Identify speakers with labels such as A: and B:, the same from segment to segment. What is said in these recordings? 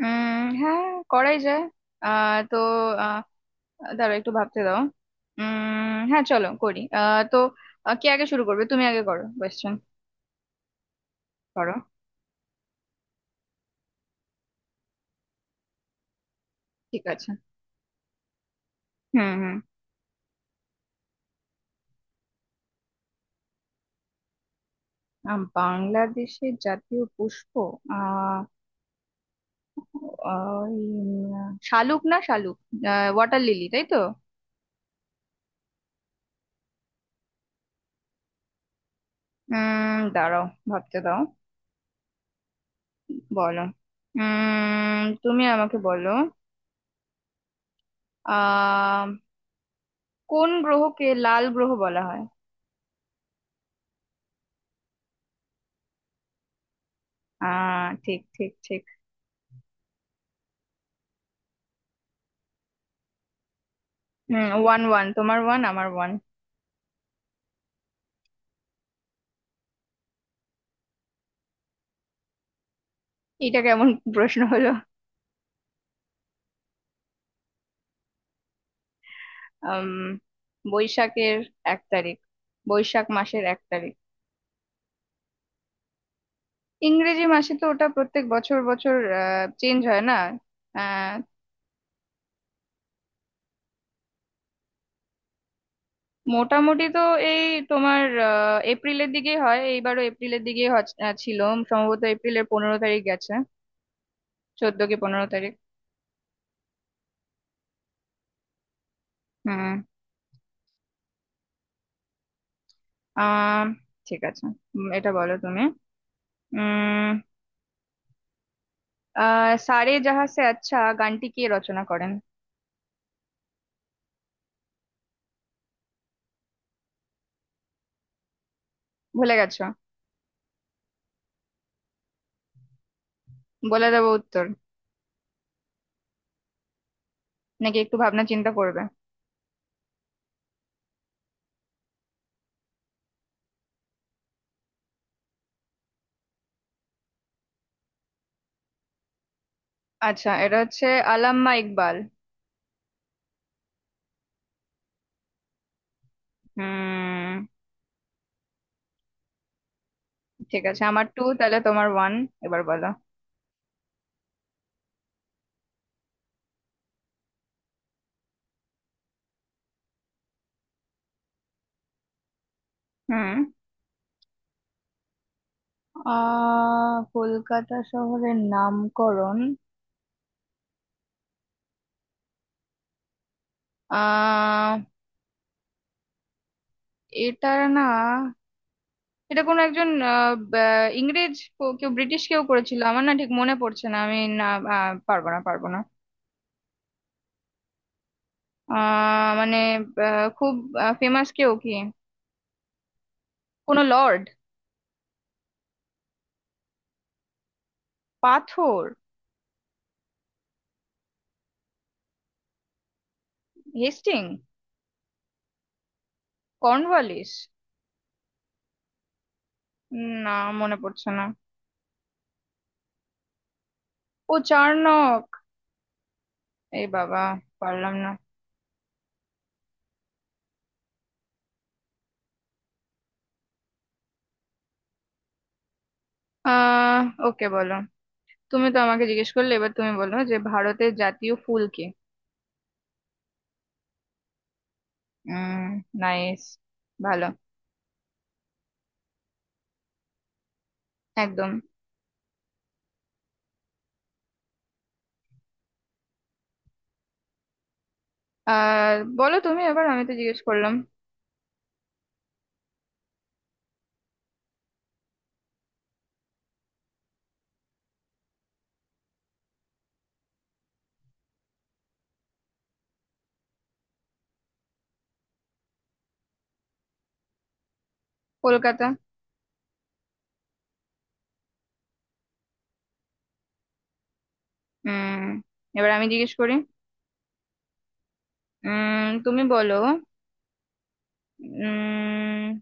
A: হ্যাঁ, করাই যায়। আহ তো আহ দাঁড়াও, একটু ভাবতে দাও। হ্যাঁ, চলো করি। কে আগে শুরু করবে? তুমি আগে করো কোয়েশ্চেন। করো, ঠিক আছে। হুম হুম। বাংলাদেশের জাতীয় পুষ্প? আহ আহ, উম, শালুক, না শালুক, ওয়াটার লিলি, তাই তো? দাঁড়াও, ভাবতে দাও। বলো। তুমি আমাকে বলো। আহ কোন গ্রহকে লাল গ্রহ বলা হয়? আহ ঠিক ঠিক ঠিক। হুম, ওয়ান ওয়ান, তোমার ওয়ান আমার ওয়ান। এটা কেমন প্রশ্ন হলো? আম, বৈশাখের 1 তারিখ, বৈশাখ মাসের 1 তারিখ। ইংরেজি মাসে তো ওটা প্রত্যেক বছর বছর চেঞ্জ হয় না। আহ, মোটামুটি তো এই তোমার, এপ্রিলের দিকেই হয়, এইবারও এপ্রিলের দিকেই ছিল। সম্ভবত এপ্রিলের 15 তারিখ গেছে। 14 কি 15 তারিখ। হুম। আহ ঠিক আছে। এটা বলো তুমি। উম আহ সারে জাহাঁ সে আচ্ছা গানটি কে রচনা করেন? ভুলে গেছো? বলে দেবো উত্তর? নাকি একটু ভাবনা চিন্তা করবে? আচ্ছা, এটা হচ্ছে আল্লামা ইকবাল। হুম, ঠিক আছে। আমার টু, তাহলে তোমার ওয়ান। এবার বলো। হুম। কলকাতা শহরের নামকরণ। আহ এটার না, এটা কোনো একজন ইংরেজ কেউ, ব্রিটিশ কেউ করেছিল, আমার না ঠিক মনে পড়ছে না আমি না। পারবো না, পারবো না। মানে খুব ফেমাস কেউ কি? কোনো লর্ড? পাথর? হেস্টিং? কর্নওয়ালিস? না, মনে পড়ছে না। ও, চার্নক! এই বাবা, পারলাম না। আহ ওকে, বলো। তুমি তো আমাকে জিজ্ঞেস করলে, এবার তুমি বলো যে ভারতের জাতীয় ফুল কি? উম নাইস, ভালো। একদম। আর বলো তুমি, এবার আমি তো জিজ্ঞেস করলাম। কলকাতা। উম এবার আমি জিজ্ঞেস করি। তুমি বলো। উম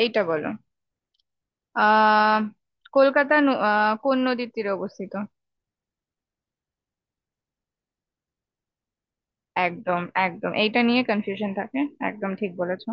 A: এইটা বলো। আহ কলকাতা কোন নদীর তীরে অবস্থিত? একদম একদম, এইটা নিয়ে কনফিউশন থাকে। একদম ঠিক বলেছো।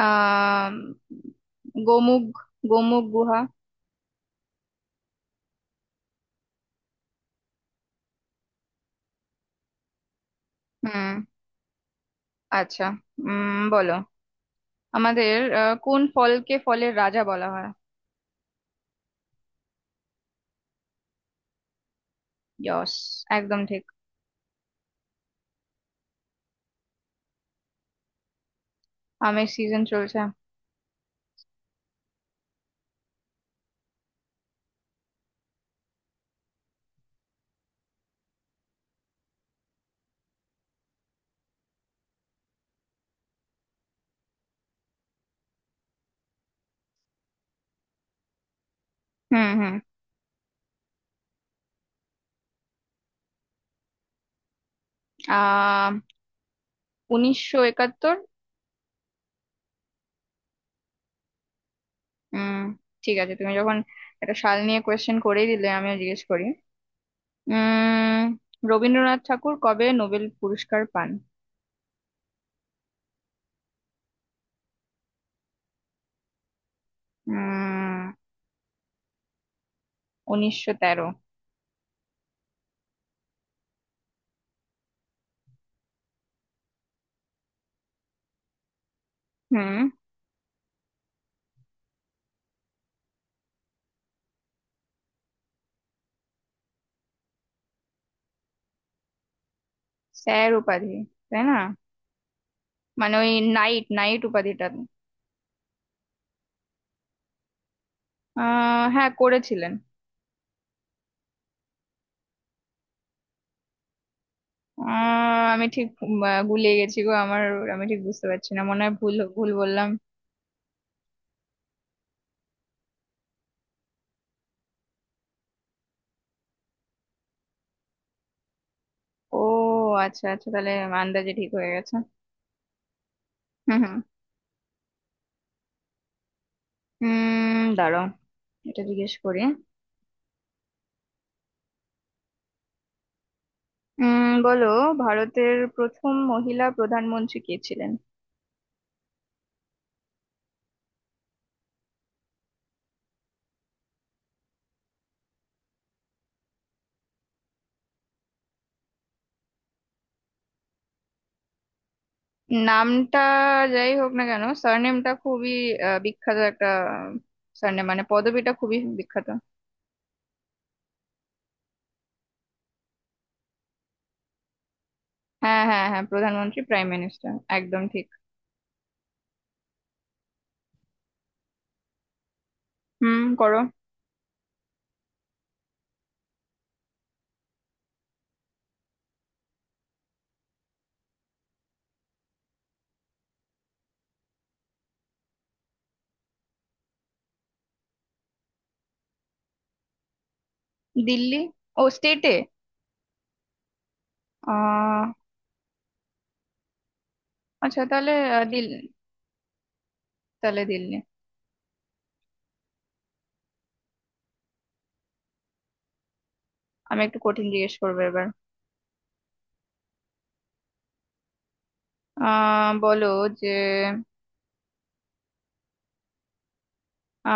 A: আহ গোমুখ, গোমুখ গুহা। হুম, আচ্ছা। বলো আমাদের। কোন ফলকে ফলের রাজা বলা হয়? ইয়স, একদম ঠিক। আমের সিজন চলছে। হুম হুম। আহ 1971। উম ঠিক আছে, তুমি যখন একটা সাল নিয়ে কোয়েশ্চেন করেই দিলে, আমিও জিজ্ঞেস করি। উম রবীন্দ্রনাথ ঠাকুর কবে নোবেল পুরস্কার পান? উম 1913। হুম। স্যার উপাধি, তাই না? মানে ওই নাইট নাইট উপাধিটা। হ্যাঁ, করেছিলেন। আমি ঠিক গুলিয়ে গেছি গো আমার। আমি ঠিক বুঝতে পারছি না, মনে হয় ভুল ভুল বললাম। ও আচ্ছা, আচ্ছা, তাহলে আন্দাজে ঠিক হয়ে গেছে। হুম হুম। দাঁড়াও, এটা জিজ্ঞেস করি। বলো। ভারতের প্রথম মহিলা প্রধানমন্ত্রী কে ছিলেন? নামটা যাই হোক না কেন, সারনেমটা খুবই বিখ্যাত একটা। সারনেম মানে পদবিটা খুবই বিখ্যাত। হ্যাঁ হ্যাঁ হ্যাঁ হ্যাঁ, প্রধানমন্ত্রী প্রাইম মিনিস্টার, একদম ঠিক। হুম, করো। দিল্লি। ও, স্টেটে? আহ আচ্ছা, তাহলে দিল্লি, তাহলে দিল্লি। আমি একটু কঠিন জিজ্ঞেস করবো এবার। বলো যে,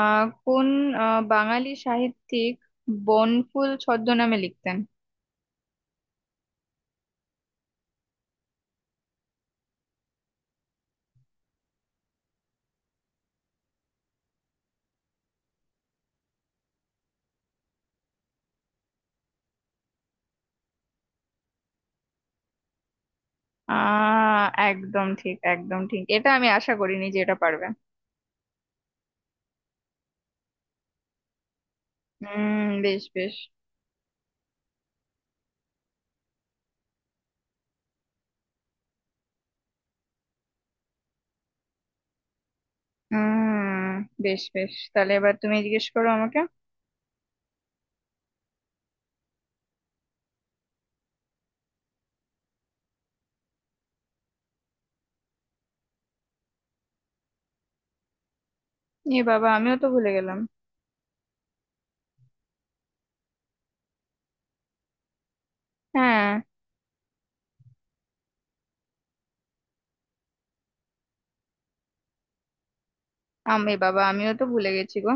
A: কোন বাঙালি সাহিত্যিক বনফুল ছদ্মনামে লিখতেন? আহ একদম ঠিক, একদম ঠিক। এটা আমি আশা করিনি যে এটা পারবে। হুম, বেশ বেশ। হুম, বেশ বেশ। তাহলে এবার তুমি জিজ্ঞেস করো আমাকে। এ বাবা, আমিও তো ভুলে গেলাম। হ্যাঁ, আমি বাবা, আমিও তো ভুলে গেছি গো।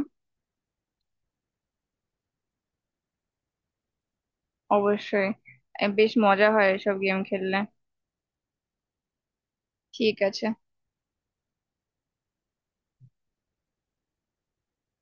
A: অবশ্যই। এ, বেশ মজা হয় এসব গেম খেললে। ঠিক আছে।